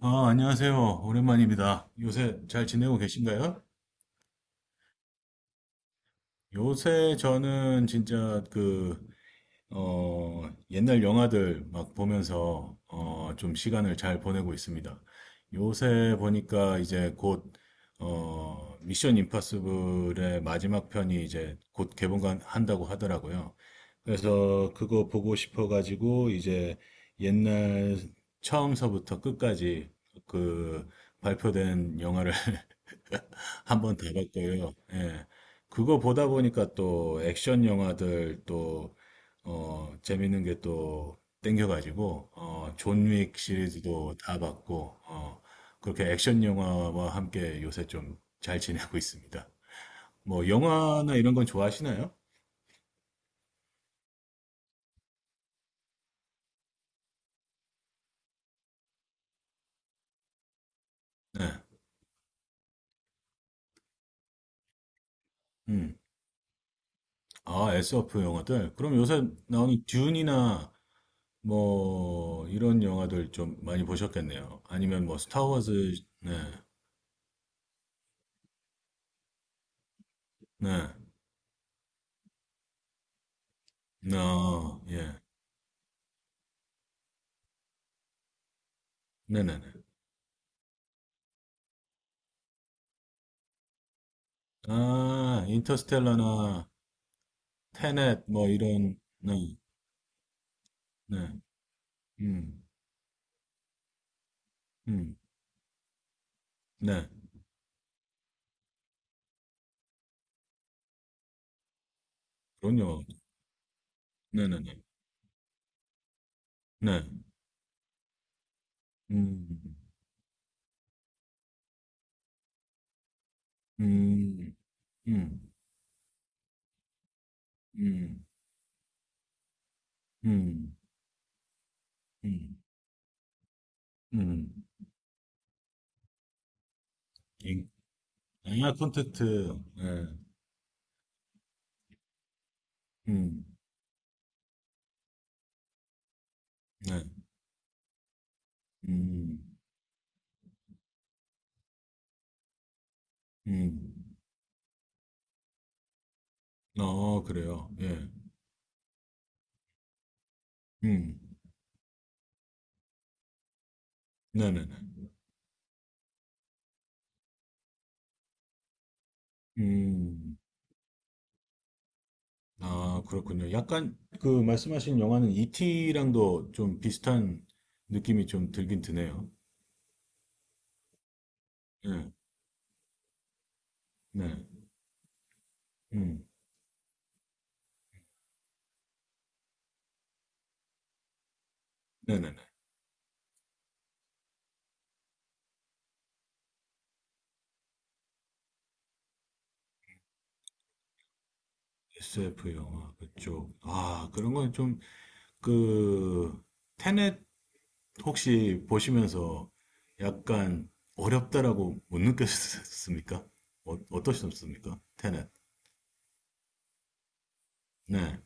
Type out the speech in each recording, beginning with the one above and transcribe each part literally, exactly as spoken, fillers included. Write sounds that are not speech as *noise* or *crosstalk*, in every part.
아, 안녕하세요. 오랜만입니다. 요새 잘 지내고 계신가요? 요새 저는 진짜 그, 어, 옛날 영화들 막 보면서, 어, 좀 시간을 잘 보내고 있습니다. 요새 보니까 이제 곧, 어, 미션 임파서블의 마지막 편이 이제 곧 개봉한다고 하더라고요. 그래서 그거 보고 싶어가지고 이제 옛날 처음서부터 끝까지 그 발표된 영화를 *laughs* 한번 다 봤고요. 예. 그거 보다 보니까 또 액션 영화들 또, 어, 재밌는 게 또 땡겨가지고, 어, 존윅 시리즈도 다 봤고, 어, 그렇게 액션 영화와 함께 요새 좀 잘 지내고 있습니다. 뭐, 영화나 이런 건 좋아하시나요? 네. 음. 아, 에스에프 영화들. 그럼 요새 나오는 듄이나 뭐, 이런 영화들 좀 많이 보셨겠네요. 아니면 뭐, 스타워즈, 네. 네. 어, 예. 네네네. 아, 인터스텔라나 테넷 뭐 이런 네. 네. 음. 음. 네. 그럼요. 네네네. 네. 음. 음. 음. 음. 음. 음. 음. 인- 아, 콘텐츠. 네. 음. 네. 음. 음. 어, 그래요. 예. 음. 네네네. 음. 아, 그렇군요. 약간 그 말씀하신 영화는 이티랑도 좀 비슷한 느낌이 좀 들긴 드네요. 네, 네, 음, 네네네. 에스에프 영화 그쪽. 아, 그런 건 좀, 그, 테넷 혹시 보시면서 약간 어렵다라고 못 느꼈습니까? 어, 어떠셨습니까? 테넷. 네.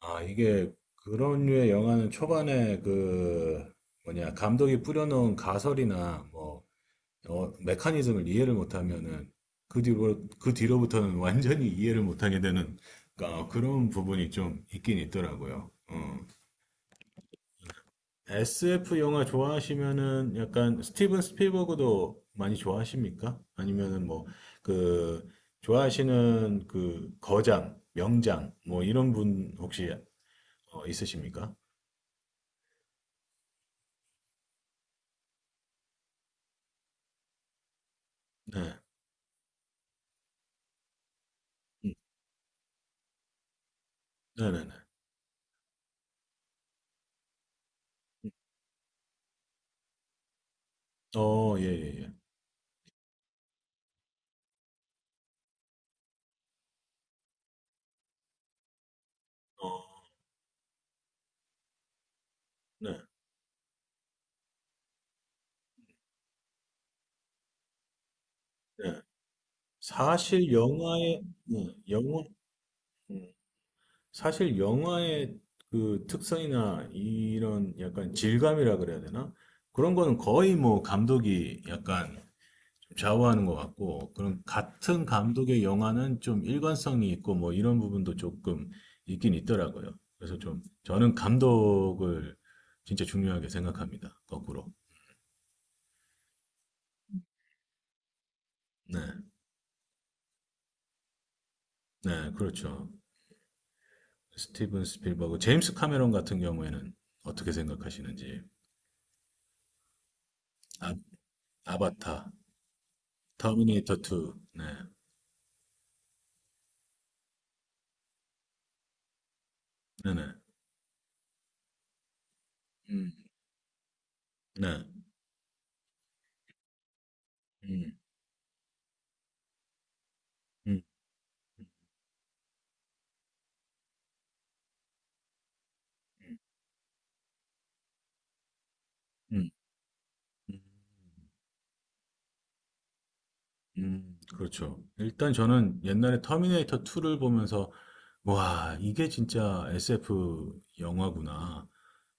아, 이게 그런 류의 영화는 초반에 그, 뭐냐, 감독이 뿌려놓은 가설이나 뭐, 어, 메커니즘을 이해를 못하면은 그 뒤로 그 뒤로부터는 완전히 이해를 못하게 되는 어, 그런 부분이 좀 있긴 있더라고요. 어. 에스에프 영화 좋아하시면은 약간 스티븐 스필버그도 많이 좋아하십니까? 아니면은 뭐 그 좋아하시는 그 거장, 명장 뭐 이런 분 혹시 어, 있으십니까? 네, 네, 네, 네. 어, 예, 예, 예. 어, 네, 네. 사실 영화의 네, 영화 음. 사실 영화의 그 특성이나 이런 약간 질감이라 그래야 되나? 그런 거는 거의 뭐 감독이 약간 좀 좌우하는 것 같고, 그런 같은 감독의 영화는 좀 일관성이 있고 뭐 이런 부분도 조금 있긴 있더라고요. 그래서 좀 저는 감독을 진짜 중요하게 생각합니다. 거꾸로. 네, 네, 그렇죠. 스티븐 스필버그, 제임스 카메론 같은 경우에는 어떻게 생각하시는지. 아, 아바타, 터미네이터 투. 네, 네네. 음, 네. 음, 음, 음, 음, 음, 그렇죠. 일단 저는 옛날에 터미네이터 투를 보면서, 와, 이게 진짜 에스에프 영화구나.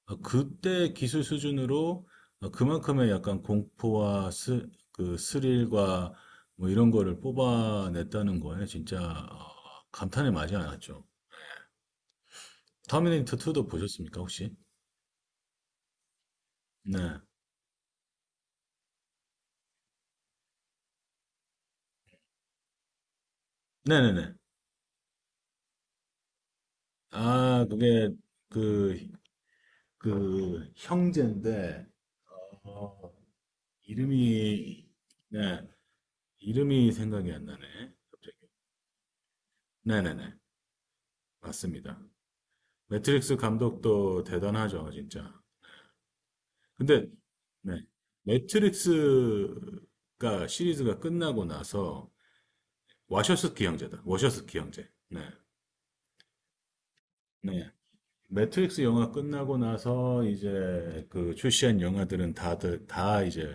아, 그때 기술 수준으로 아, 그만큼의 약간 공포와 스, 그 스릴과 뭐 이런 거를 뽑아냈다는 거에 진짜 어, 감탄에 마지 않았죠. 터미네이터 투도 보셨습니까, 혹시? 네. 네네네. 아, 그게 그 그 형제인데 어, 이름이 네 이름이 생각이 안 나네 갑자기 네네네 맞습니다 매트릭스 감독도 대단하죠 진짜 근데 네 매트릭스가 시리즈가 끝나고 나서 와셔스키 형제다 와셔스키 형제 네네 매트릭스 영화 끝나고 나서 이제 그 출시한 영화들은 다들 다 이제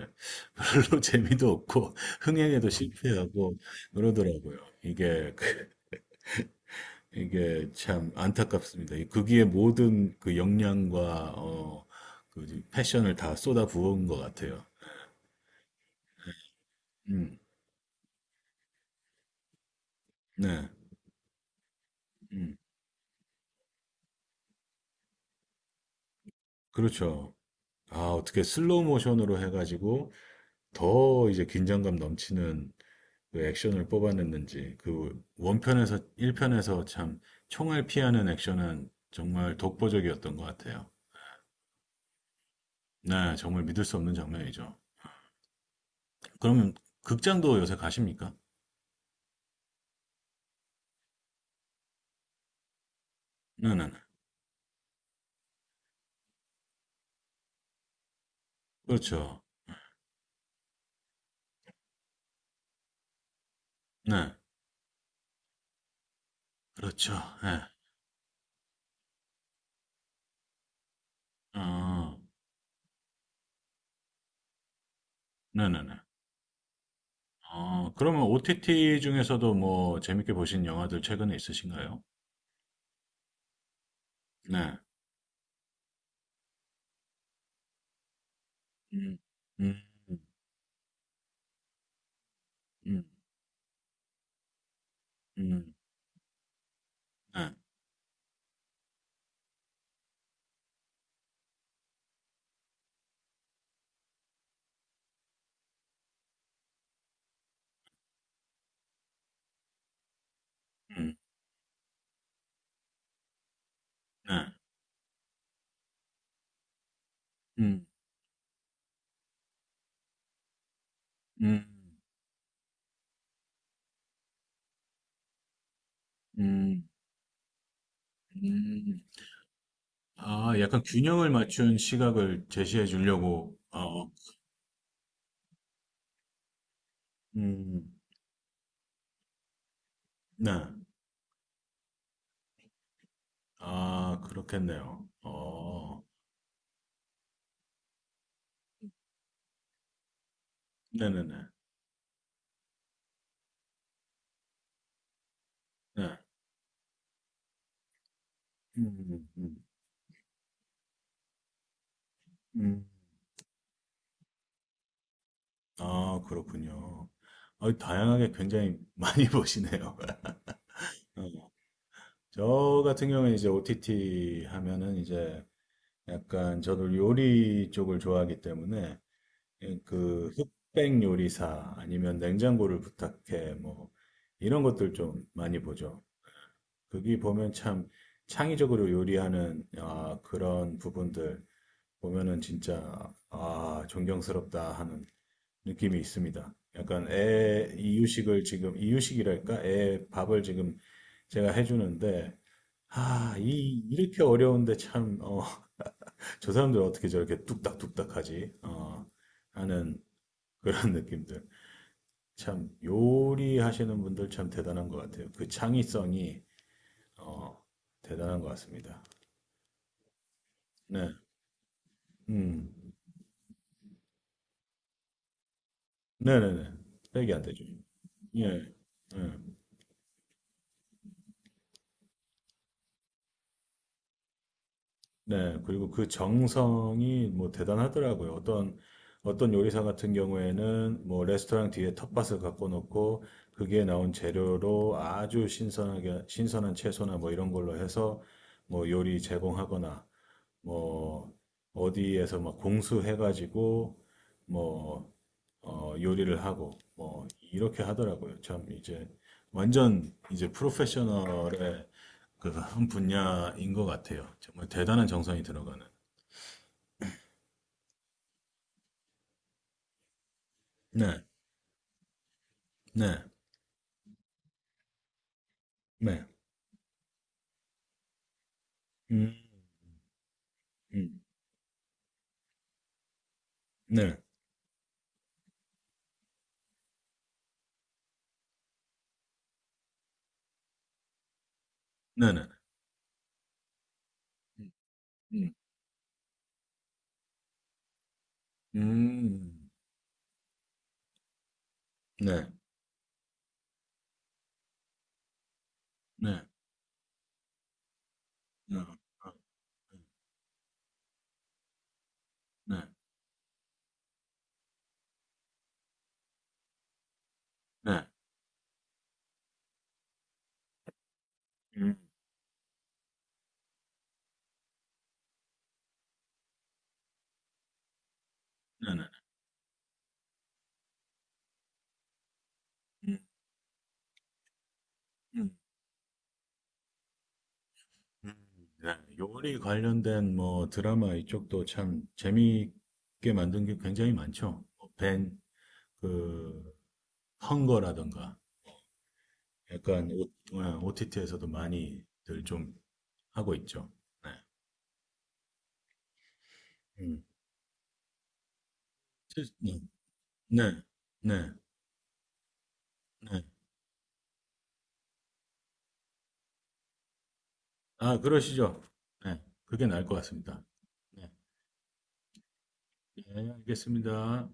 별로 *laughs* 재미도 없고 흥행에도 실패하고 그러더라고요. 이게 그- 이게 참 안타깝습니다. 이 거기에 모든 그 역량과 어, 그 패션을 다 쏟아 부은 것 같아요. 음, 네, 음, 그렇죠. 아, 어떻게 슬로우 모션으로 해가지고 더 이제 긴장감 넘치는 그 액션을 뽑아냈는지 그 원편에서 일 편에서 참 총을 피하는 액션은 정말 독보적이었던 것 같아요. 네, 정말 믿을 수 없는 장면이죠. 그러면 극장도 요새 가십니까? 네네네. 그렇죠. 네, 그렇죠. 네. 그렇죠. 예. 어, 네네네. 어, 그러면 오티티 중에서도 뭐 재밌게 보신 영화들 최근에 있으신가요? 네. 음, 음, 음, 음, 네, 음, 네, 음, 음, 음, 음. 아, 약간 균형을 맞춘 시각을 제시해 주려고, 어, 음, 네. 아, 그렇겠네요. 어, 네네네. 네. 음, 음, 음. 아, 그렇군요. 어, 다양하게 굉장히 많이 *laughs* 보시네요. 어. 저 같은 경우에 이제 오티티 하면은 이제 약간 저도 요리 쪽을 좋아하기 때문에 예, 그 흑백 요리사 아니면 냉장고를 부탁해 뭐 이런 것들 좀 많이 보죠. 거기 보면 참 창의적으로 요리하는 아, 그런 부분들 보면은 진짜 아, 존경스럽다 하는 느낌이 있습니다. 약간 애 이유식을 지금 이유식이랄까? 애 밥을 지금 제가 해주는데 아, 이 이렇게 어려운데 참 어, *laughs* 저 사람들 어떻게 저렇게 뚝딱뚝딱 하지? 어, 하는 그런 *laughs* 느낌들. 참 요리하시는 분들 참 대단한 것 같아요. 그 창의성이 어, 대단한 것 같습니다. 네. 음. 네네네. 빼기 안 되죠. 예. 예. 네. 그리고 그 정성이 뭐 대단하더라고요. 어떤, 어떤 요리사 같은 경우에는 뭐 레스토랑 뒤에 텃밭을 갖고 놓고 그게 나온 재료로 아주 신선하게, 신선한 채소나 뭐 이런 걸로 해서 뭐 요리 제공하거나 뭐 어디에서 막 공수해가지고 뭐 어, 요리를 하고 뭐 이렇게 하더라고요. 참 이제 완전 이제 프로페셔널의 그 *laughs* 한 분야인 것 같아요. 정말 대단한 정성이 들어가는. 네, 네, 네, 음, 음, 네, 네, 네, 음, 음, 음, 네, 네, 네, 어, 네, 네, 음, 네, 네, 네, 음, 음, 음, 네. 요리 관련된 뭐 드라마 이쪽도 참 재미있게 만든 게 굉장히 많죠. 벤, 그 헝거라던가 약간 오티티에서도 많이들 좀 하고 있죠. 네. 음. 실- 네. 네. 네. 네. 아, 그러시죠. 네. 그게 나을 것 같습니다. 네. 네, 알겠습니다.